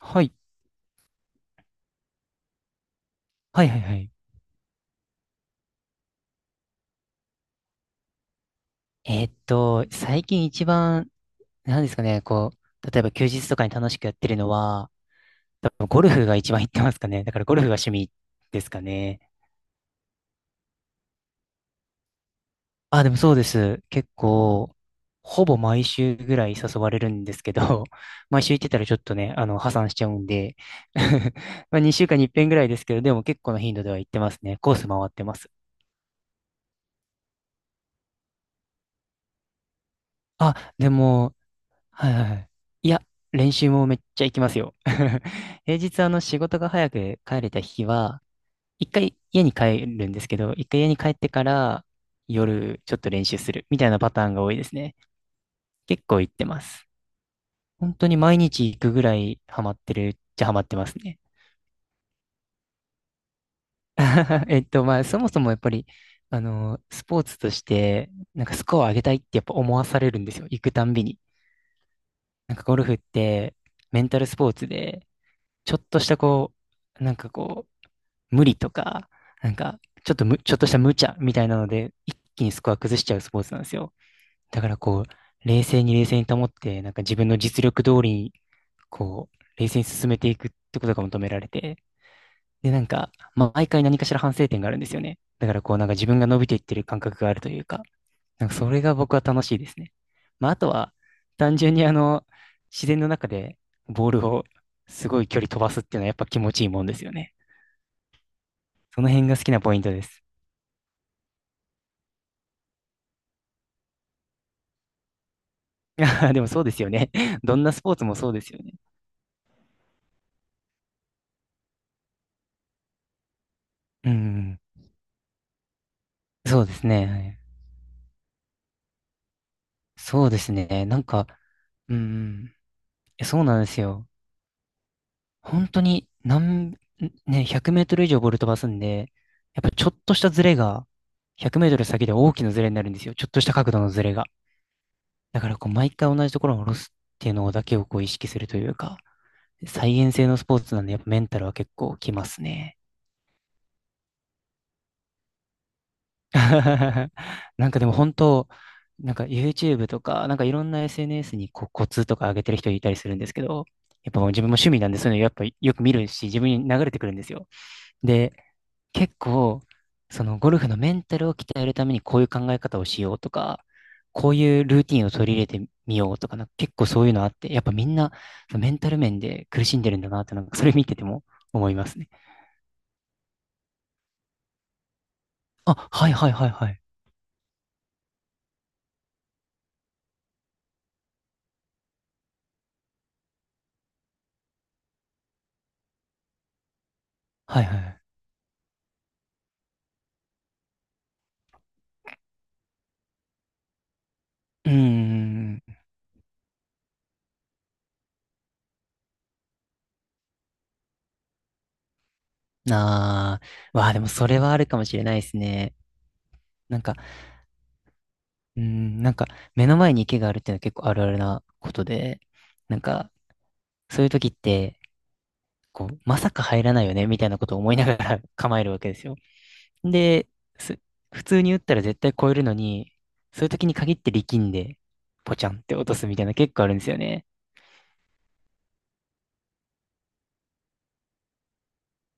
はい。はいはいはい。最近一番、何ですかね、例えば休日とかに楽しくやってるのは、多分ゴルフが一番行ってますかね。だからゴルフが趣味ですかね。あ、でもそうです。結構、ほぼ毎週ぐらい誘われるんですけど、毎週行ってたらちょっとね、破産しちゃうんで、まあ2週間に1遍ぐらいですけど、でも結構の頻度では行ってますね。コース回ってます。あ、でも、はいはいはい。いや、練習もめっちゃ行きますよ。平日仕事が早く帰れた日は、一回家に帰るんですけど、一回家に帰ってから夜ちょっと練習するみたいなパターンが多いですね。結構行ってます。本当に毎日行くぐらいハマってるっちゃハマってますね。まあ、そもそもやっぱり、スポーツとして、なんかスコアを上げたいってやっぱ思わされるんですよ。行くたんびに。なんかゴルフってメンタルスポーツで、ちょっとしたこう、なんかこう、無理とか、なんか、ちょっとした無茶みたいなので、一気にスコア崩しちゃうスポーツなんですよ。だからこう、冷静に冷静に保って、なんか自分の実力通りに、こう、冷静に進めていくってことが求められて、で、なんか、まあ、毎回何かしら反省点があるんですよね。だからこう、なんか自分が伸びていってる感覚があるというか、なんかそれが僕は楽しいですね。まあ、あとは、単純に自然の中でボールをすごい距離飛ばすっていうのはやっぱ気持ちいいもんですよね。その辺が好きなポイントです。いやでもそうですよね。どんなスポーツもそうですよね。うん。そうですね。はいそうですね。なんか、うん。えそうなんですよ。本当に、何、ね、100メートル以上ボール飛ばすんで、やっぱちょっとしたズレが、100メートル先で大きなズレになるんですよ。ちょっとした角度のズレが。だからこう、毎回同じところを下ろすっていうのだけをこう意識するというか、再現性のスポーツなんで、やっぱメンタルは結構きますね。なんかでも本当、なんか YouTube とか、なんかいろんな SNS にこうコツとか上げてる人いたりするんですけど、やっぱもう自分も趣味なんで、そういうのやっぱよく見るし、自分に流れてくるんですよ。で、結構、そのゴルフのメンタルを鍛えるためにこういう考え方をしようとか、こういうルーティンを取り入れてみようとか、なんか結構そういうのあって、やっぱみんなそのメンタル面で苦しんでるんだなって、なんかそれ見てても思いますね。あ、はいはいはいはい。はいはい。うーうんああ、わあ、でもそれはあるかもしれないですね。なんか、うん、なんか目の前に池があるっていうのは結構あるあるなことで、なんかそういう時って、こう、まさか入らないよねみたいなことを思いながら 構えるわけですよ。で、す普通に打ったら絶対超えるのに、そういう時に限って力んで、ポチャンって落とすみたいな結構あるんですよね。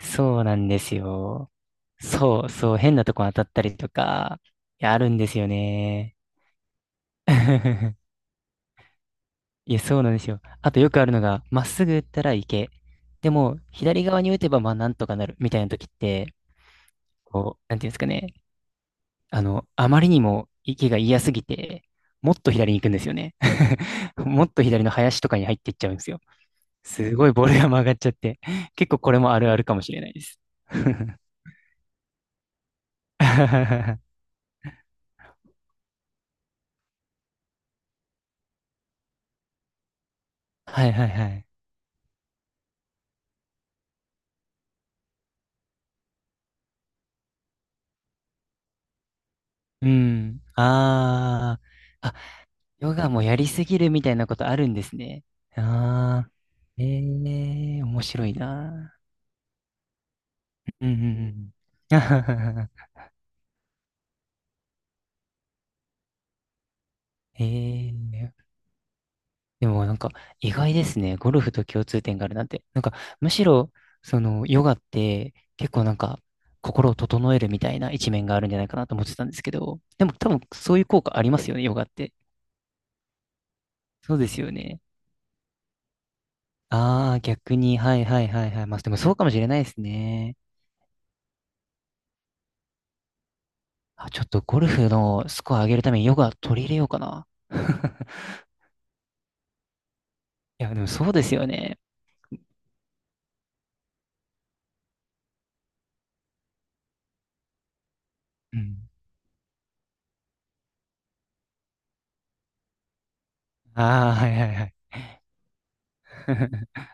そうなんですよ。そうそう、変なとこ当たったりとか、いやあるんですよね。いや、そうなんですよ。あとよくあるのが、まっすぐ打ったら池。でも、左側に打てば、まあ、なんとかなる、みたいな時って、こう、なんていうんですかね。あまりにも池が嫌すぎて、もっと左に行くんですよね。もっと左の林とかに入っていっちゃうんですよ。すごいボールが曲がっちゃって。結構これもあるあるかもしれないです。はいはいはい。うん。ああ。ヨガもやりすぎるみたいなことあるんですね。ああ、ええ面白いな。うんうんうん。ええでもなんか意外ですね。ゴルフと共通点があるなんて。なんかむしろ、そのヨガって結構なんか心を整えるみたいな一面があるんじゃないかなと思ってたんですけど、でも多分そういう効果ありますよね、ヨガって。そうですよね。ああ、逆に、はいはいはいはい。まあでもそうかもしれないですね。あ、ちょっとゴルフのスコア上げるためにヨガ取り入れようかな。いや、でもそうですよね。うん。ああ、はいはいはい。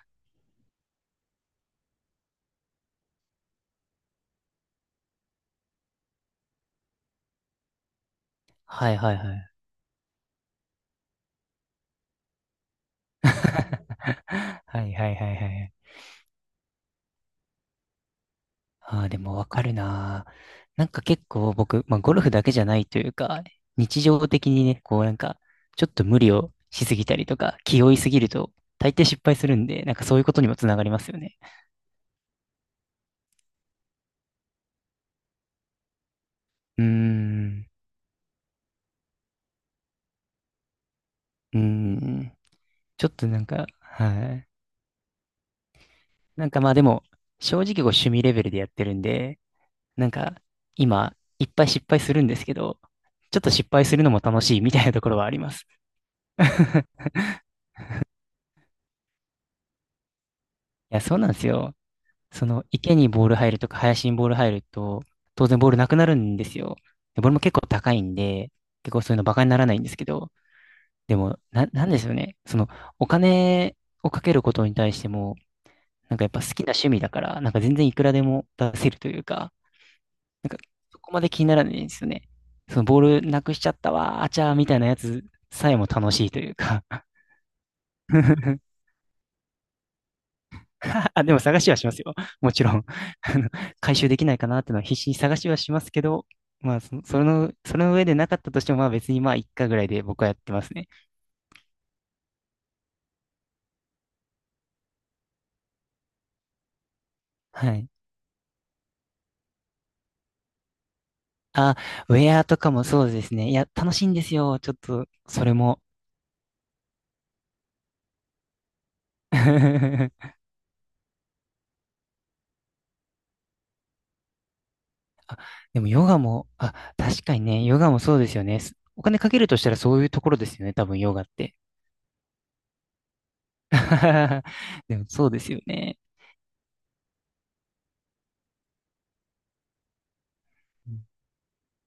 はいはいはい。はいはいはいはい。ああ、でもわかるな。なんか結構僕、まあゴルフだけじゃないというか、日常的にね、こうなんか、ちょっと無理をしすぎたりとか、気負いすぎると、大抵失敗するんで、なんかそういうことにもつながりますよね。うーん、うーん、ちょっとなんか、はい。なんかまあでも、正直こう趣味レベルでやってるんで、なんか今、いっぱい失敗するんですけど、ちょっと失敗するのも楽しいみたいなところはあります。いや、そうなんですよ。その池にボール入るとか林にボール入ると、当然ボールなくなるんですよ。で、ボールも結構高いんで、結構そういうのバカにならないんですけど、でも、なんですよね。その、お金をかけることに対しても、なんかやっぱ好きな趣味だから、なんか全然いくらでも出せるというか、なんか、そこまで気にならないんですよね。そのボールなくしちゃったわ、あちゃーみたいなやつさえも楽しいというか あ、でも探しはしますよ。もちろん。あの、回収できないかなっていうのは必死に探しはしますけど、まあ、その上でなかったとしても、まあ別にまあ一回ぐらいで僕はやってますね。はい。あ、ウェアとかもそうですね。いや、楽しいんですよ。ちょっと、それも。でもヨガも、あ、確かにね、ヨガもそうですよね。お金かけるとしたらそういうところですよね。多分ヨガって。でもそうですよね。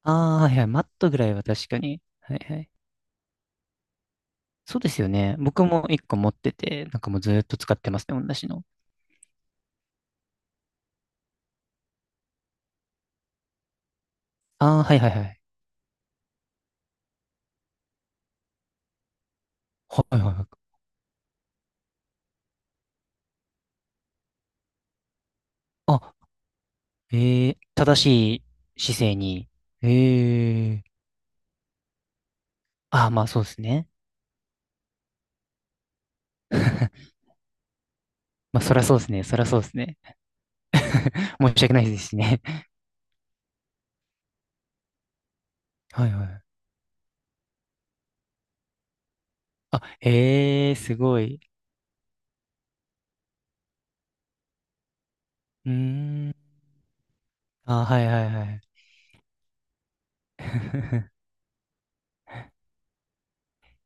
ああ、はいはい。マットぐらいは確かに。はいはい。そうですよね。僕も一個持ってて、なんかもうずーっと使ってますね、同じの。ああ、はいはいはい。はいはいはい。あ、えー正しい姿勢に。ええああー、まあそうですね。まあそらそうですね。そらそうですね。申し訳ないですしね。はいはい。あ、ええすごい。うーん。ああ、はいはいはい。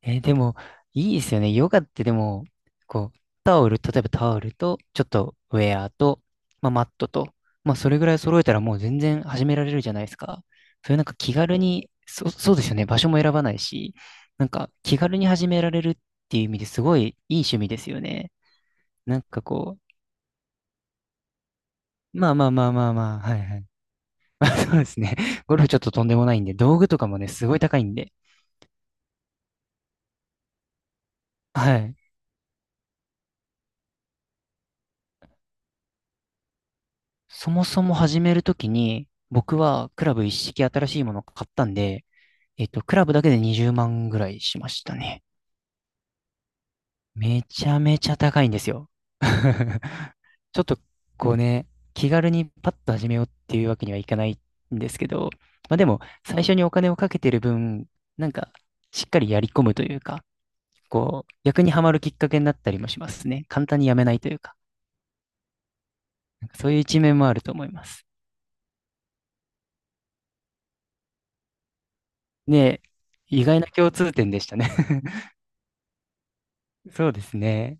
えーでも、いいですよね。ヨガってでも、こう、タオル、例えばタオルと、ちょっとウェアと、まあ、マットと、まあ、それぐらい揃えたらもう全然始められるじゃないですか。そういうなんか気軽に、そうですよね。場所も選ばないし、なんか気軽に始められるっていう意味ですごいいい趣味ですよね。なんかこう、まあまあまあまあまあ、はいはい。まあそうですね。ゴルフちょっととんでもないんで、道具とかもね、すごい高いんで。はい。そもそも始めるときに、僕はクラブ一式新しいものを買ったんで、クラブだけで20万ぐらいしましたね。めちゃめちゃ高いんですよ。ちょっと、こうね、気軽にパッと始めようっていうわけにはいかないんですけど、まあでも、最初にお金をかけてる分、なんか、しっかりやり込むというか、こう、逆にはまるきっかけになったりもしますね。簡単にやめないというか、なんかそういう一面もあると思います。ねえ、意外な共通点でしたね。そうですね。